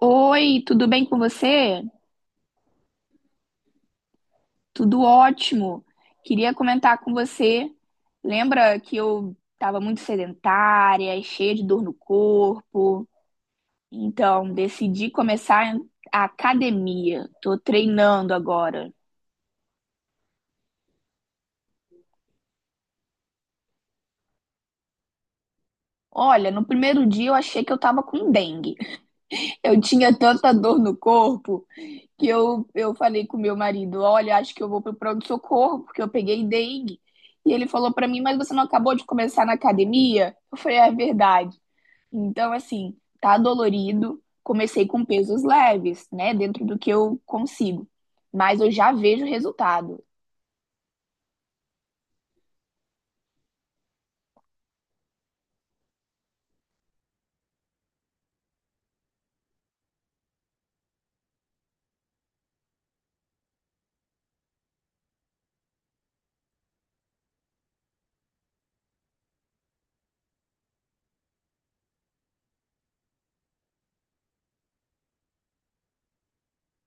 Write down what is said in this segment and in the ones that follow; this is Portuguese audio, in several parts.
Oi, tudo bem com você? Tudo ótimo. Queria comentar com você. Lembra que eu estava muito sedentária, e cheia de dor no corpo? Então, decidi começar a academia. Tô treinando agora. Olha, no primeiro dia eu achei que eu estava com dengue. Eu tinha tanta dor no corpo que eu falei com meu marido, olha, acho que eu vou pro pronto-socorro, porque eu peguei dengue. E ele falou pra mim, mas você não acabou de começar na academia? Eu falei, é verdade. Então, assim, tá dolorido. Comecei com pesos leves, né? Dentro do que eu consigo. Mas eu já vejo resultado.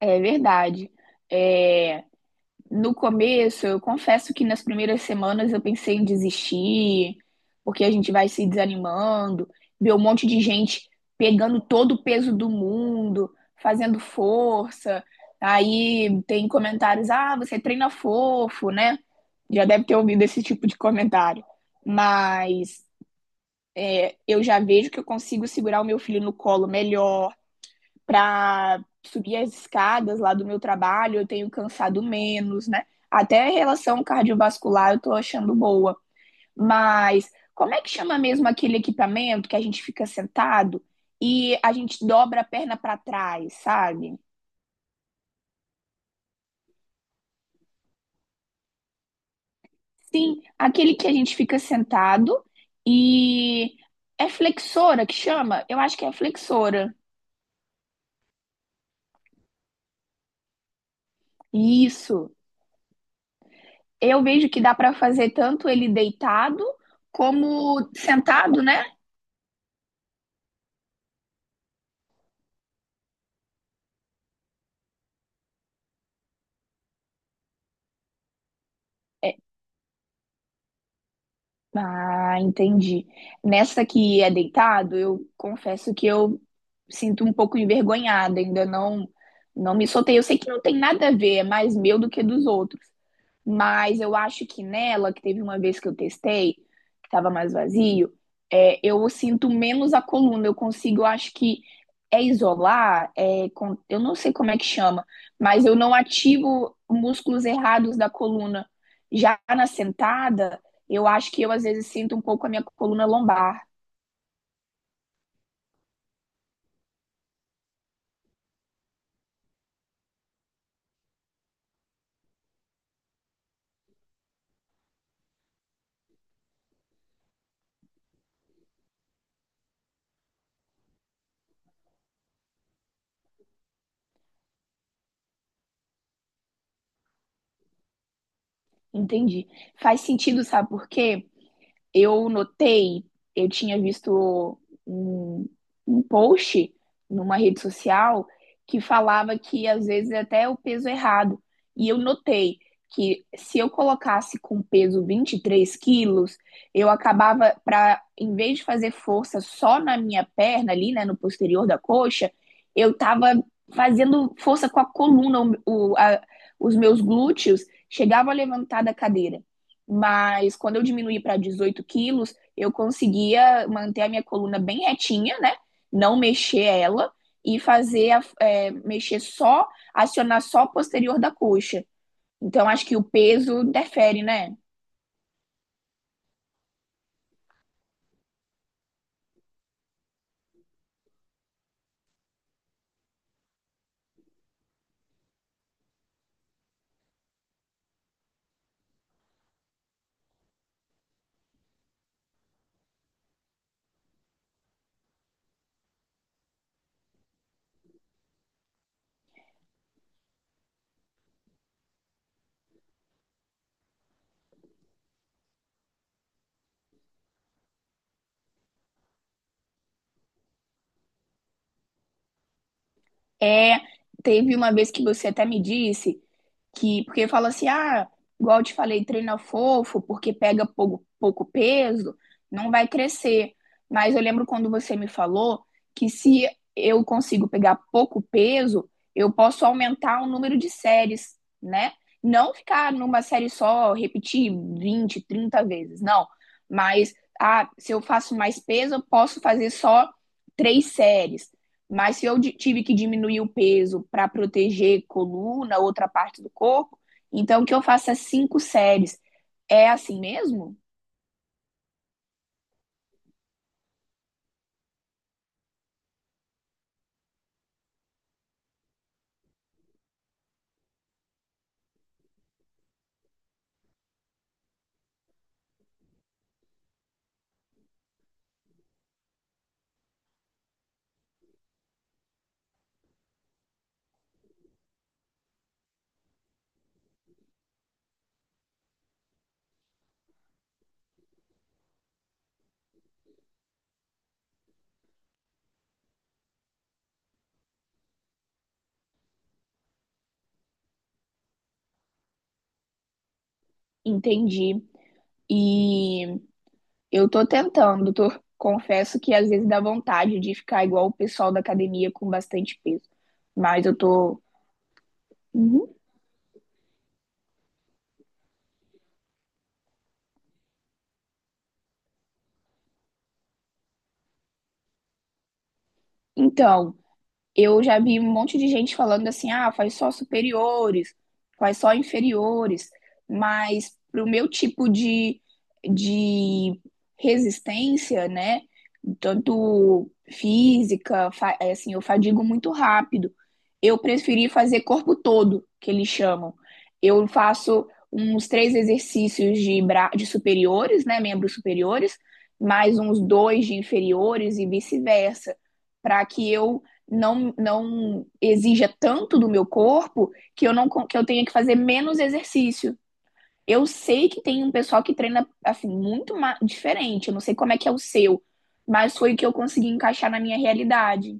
É verdade. É... No começo, eu confesso que nas primeiras semanas eu pensei em desistir, porque a gente vai se desanimando, ver um monte de gente pegando todo o peso do mundo, fazendo força. Aí tem comentários: ah, você treina fofo, né? Já deve ter ouvido esse tipo de comentário. Mas eu já vejo que eu consigo segurar o meu filho no colo melhor, para subir as escadas lá do meu trabalho, eu tenho cansado menos, né? Até a relação cardiovascular eu tô achando boa. Mas como é que chama mesmo aquele equipamento que a gente fica sentado e a gente dobra a perna para trás, sabe? Sim, aquele que a gente fica sentado e é flexora que chama? Eu acho que é flexora. Isso. Eu vejo que dá para fazer tanto ele deitado como sentado, né? É, Ah, entendi. Nessa que é deitado, eu confesso que eu sinto um pouco envergonhada, ainda não me soltei. Eu sei que não tem nada a ver, é mais meu do que dos outros. Mas eu acho que nela, que teve uma vez que eu testei, que estava mais vazio, eu sinto menos a coluna. Eu consigo, eu acho que é isolar, eu não sei como é que chama, mas eu não ativo músculos errados da coluna. Já na sentada, eu acho que eu às vezes sinto um pouco a minha coluna lombar. Entendi. Faz sentido, sabe por quê? Eu notei, eu tinha visto um, um post numa rede social que falava que às vezes é até o peso errado. E eu notei que se eu colocasse com peso 23 quilos, eu acabava para, em vez de fazer força só na minha perna ali, né, no posterior da coxa, eu tava fazendo força com a coluna, o, a- os meus glúteos chegavam a levantar da cadeira. Mas quando eu diminuí para 18 quilos, eu conseguia manter a minha coluna bem retinha, né? Não mexer ela e fazer mexer só, acionar só a posterior da coxa. Então acho que o peso interfere, né? É, teve uma vez que você até me disse que, porque fala assim, ah, igual eu te falei, treina fofo, porque pega pouco peso, não vai crescer. Mas eu lembro quando você me falou que se eu consigo pegar pouco peso, eu posso aumentar o número de séries, né? Não ficar numa série só, repetir 20 30 vezes, não. Mas, ah, se eu faço mais peso, eu posso fazer só três séries. Mas se eu tive que diminuir o peso para proteger coluna, outra parte do corpo, então que eu faça cinco séries. É assim mesmo? Entendi. E eu tô tentando, confesso que às vezes dá vontade de ficar igual o pessoal da academia com bastante peso. Mas eu tô. Uhum. Então, eu já vi um monte de gente falando assim, ah, faz só superiores, faz só inferiores, mas pro meu tipo de resistência, né, tanto física, é assim, eu fadigo muito rápido. Eu preferi fazer corpo todo, que eles chamam. Eu faço uns três exercícios de superiores, né, membros superiores, mais uns dois de inferiores e vice-versa, para que eu não exija tanto do meu corpo que eu não que eu tenha que fazer menos exercício. Eu sei que tem um pessoal que treina assim muito diferente. Eu não sei como é que é o seu, mas foi o que eu consegui encaixar na minha realidade.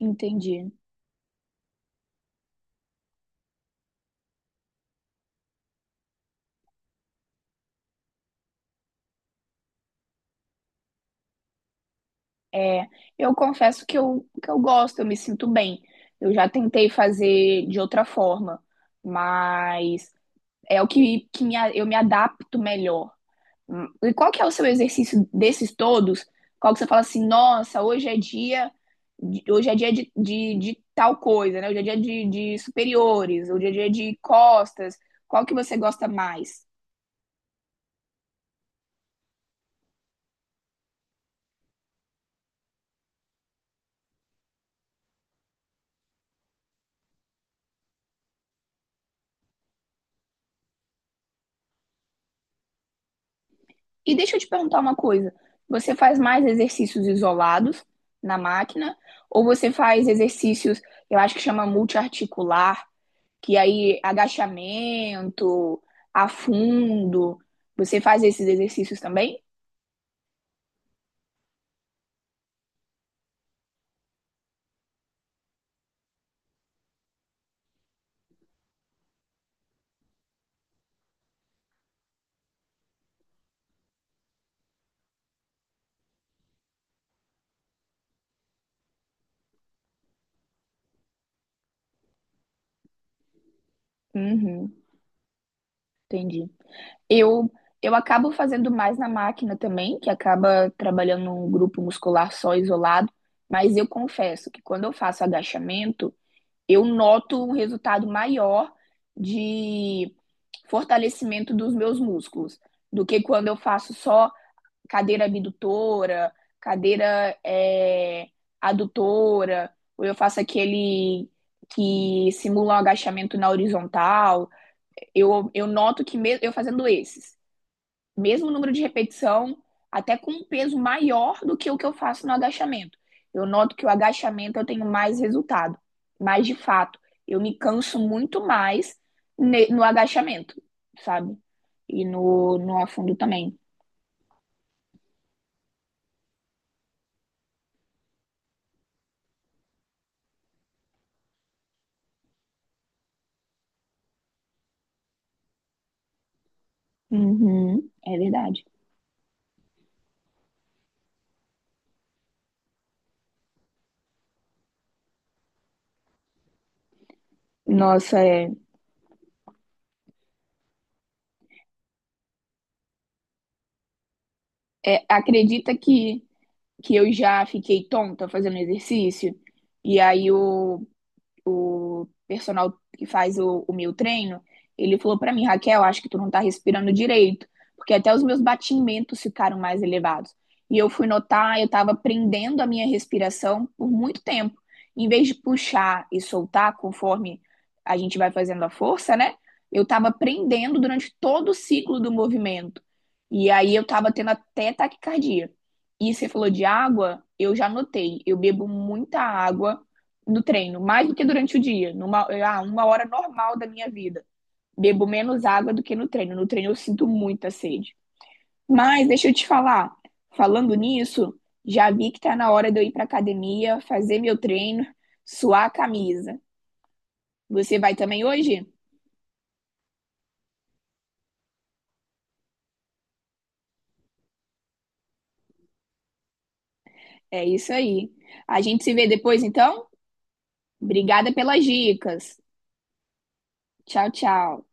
Entendi. É, eu confesso que eu gosto, eu me sinto bem. Eu já tentei fazer de outra forma, mas é o eu me adapto melhor. E qual que é o seu exercício desses todos? Qual que você fala assim, nossa, hoje é dia de tal coisa, né? Hoje é dia de superiores, hoje é dia de costas. Qual que você gosta mais? E deixa eu te perguntar uma coisa. Você faz mais exercícios isolados na máquina ou você faz exercícios, eu acho que chama multiarticular, que aí agachamento, afundo. Você faz esses exercícios também? Uhum, entendi. Eu, eu acabo fazendo mais na máquina também, que acaba trabalhando um grupo muscular só isolado, mas eu confesso que quando eu faço agachamento, eu noto um resultado maior de fortalecimento dos meus músculos do que quando eu faço só cadeira abdutora, cadeira adutora, ou eu faço aquele que simula um agachamento na horizontal. Eu noto que mesmo eu fazendo esses mesmo número de repetição, até com um peso maior do que o que eu faço no agachamento. Eu noto que o agachamento eu tenho mais resultado, mas de fato, eu me canso muito mais no agachamento, sabe? E no afundo também. Uhum, é verdade. Nossa, Acredita que eu já fiquei tonta fazendo exercício? E aí o personal que faz o meu treino, ele falou para mim, Raquel, acho que tu não tá respirando direito, porque até os meus batimentos ficaram mais elevados. E eu fui notar, eu estava prendendo a minha respiração por muito tempo. Em vez de puxar e soltar conforme a gente vai fazendo a força, né? Eu estava prendendo durante todo o ciclo do movimento. E aí eu estava tendo até taquicardia. E você falou de água, eu já notei. Eu bebo muita água no treino, mais do que durante o dia, uma hora normal da minha vida. Bebo menos água do que no treino. No treino eu sinto muita sede. Mas deixa eu te falar, falando nisso, já vi que tá na hora de eu ir pra academia, fazer meu treino, suar a camisa. Você vai também hoje? É isso aí. A gente se vê depois, então? Obrigada pelas dicas. Tchau, tchau.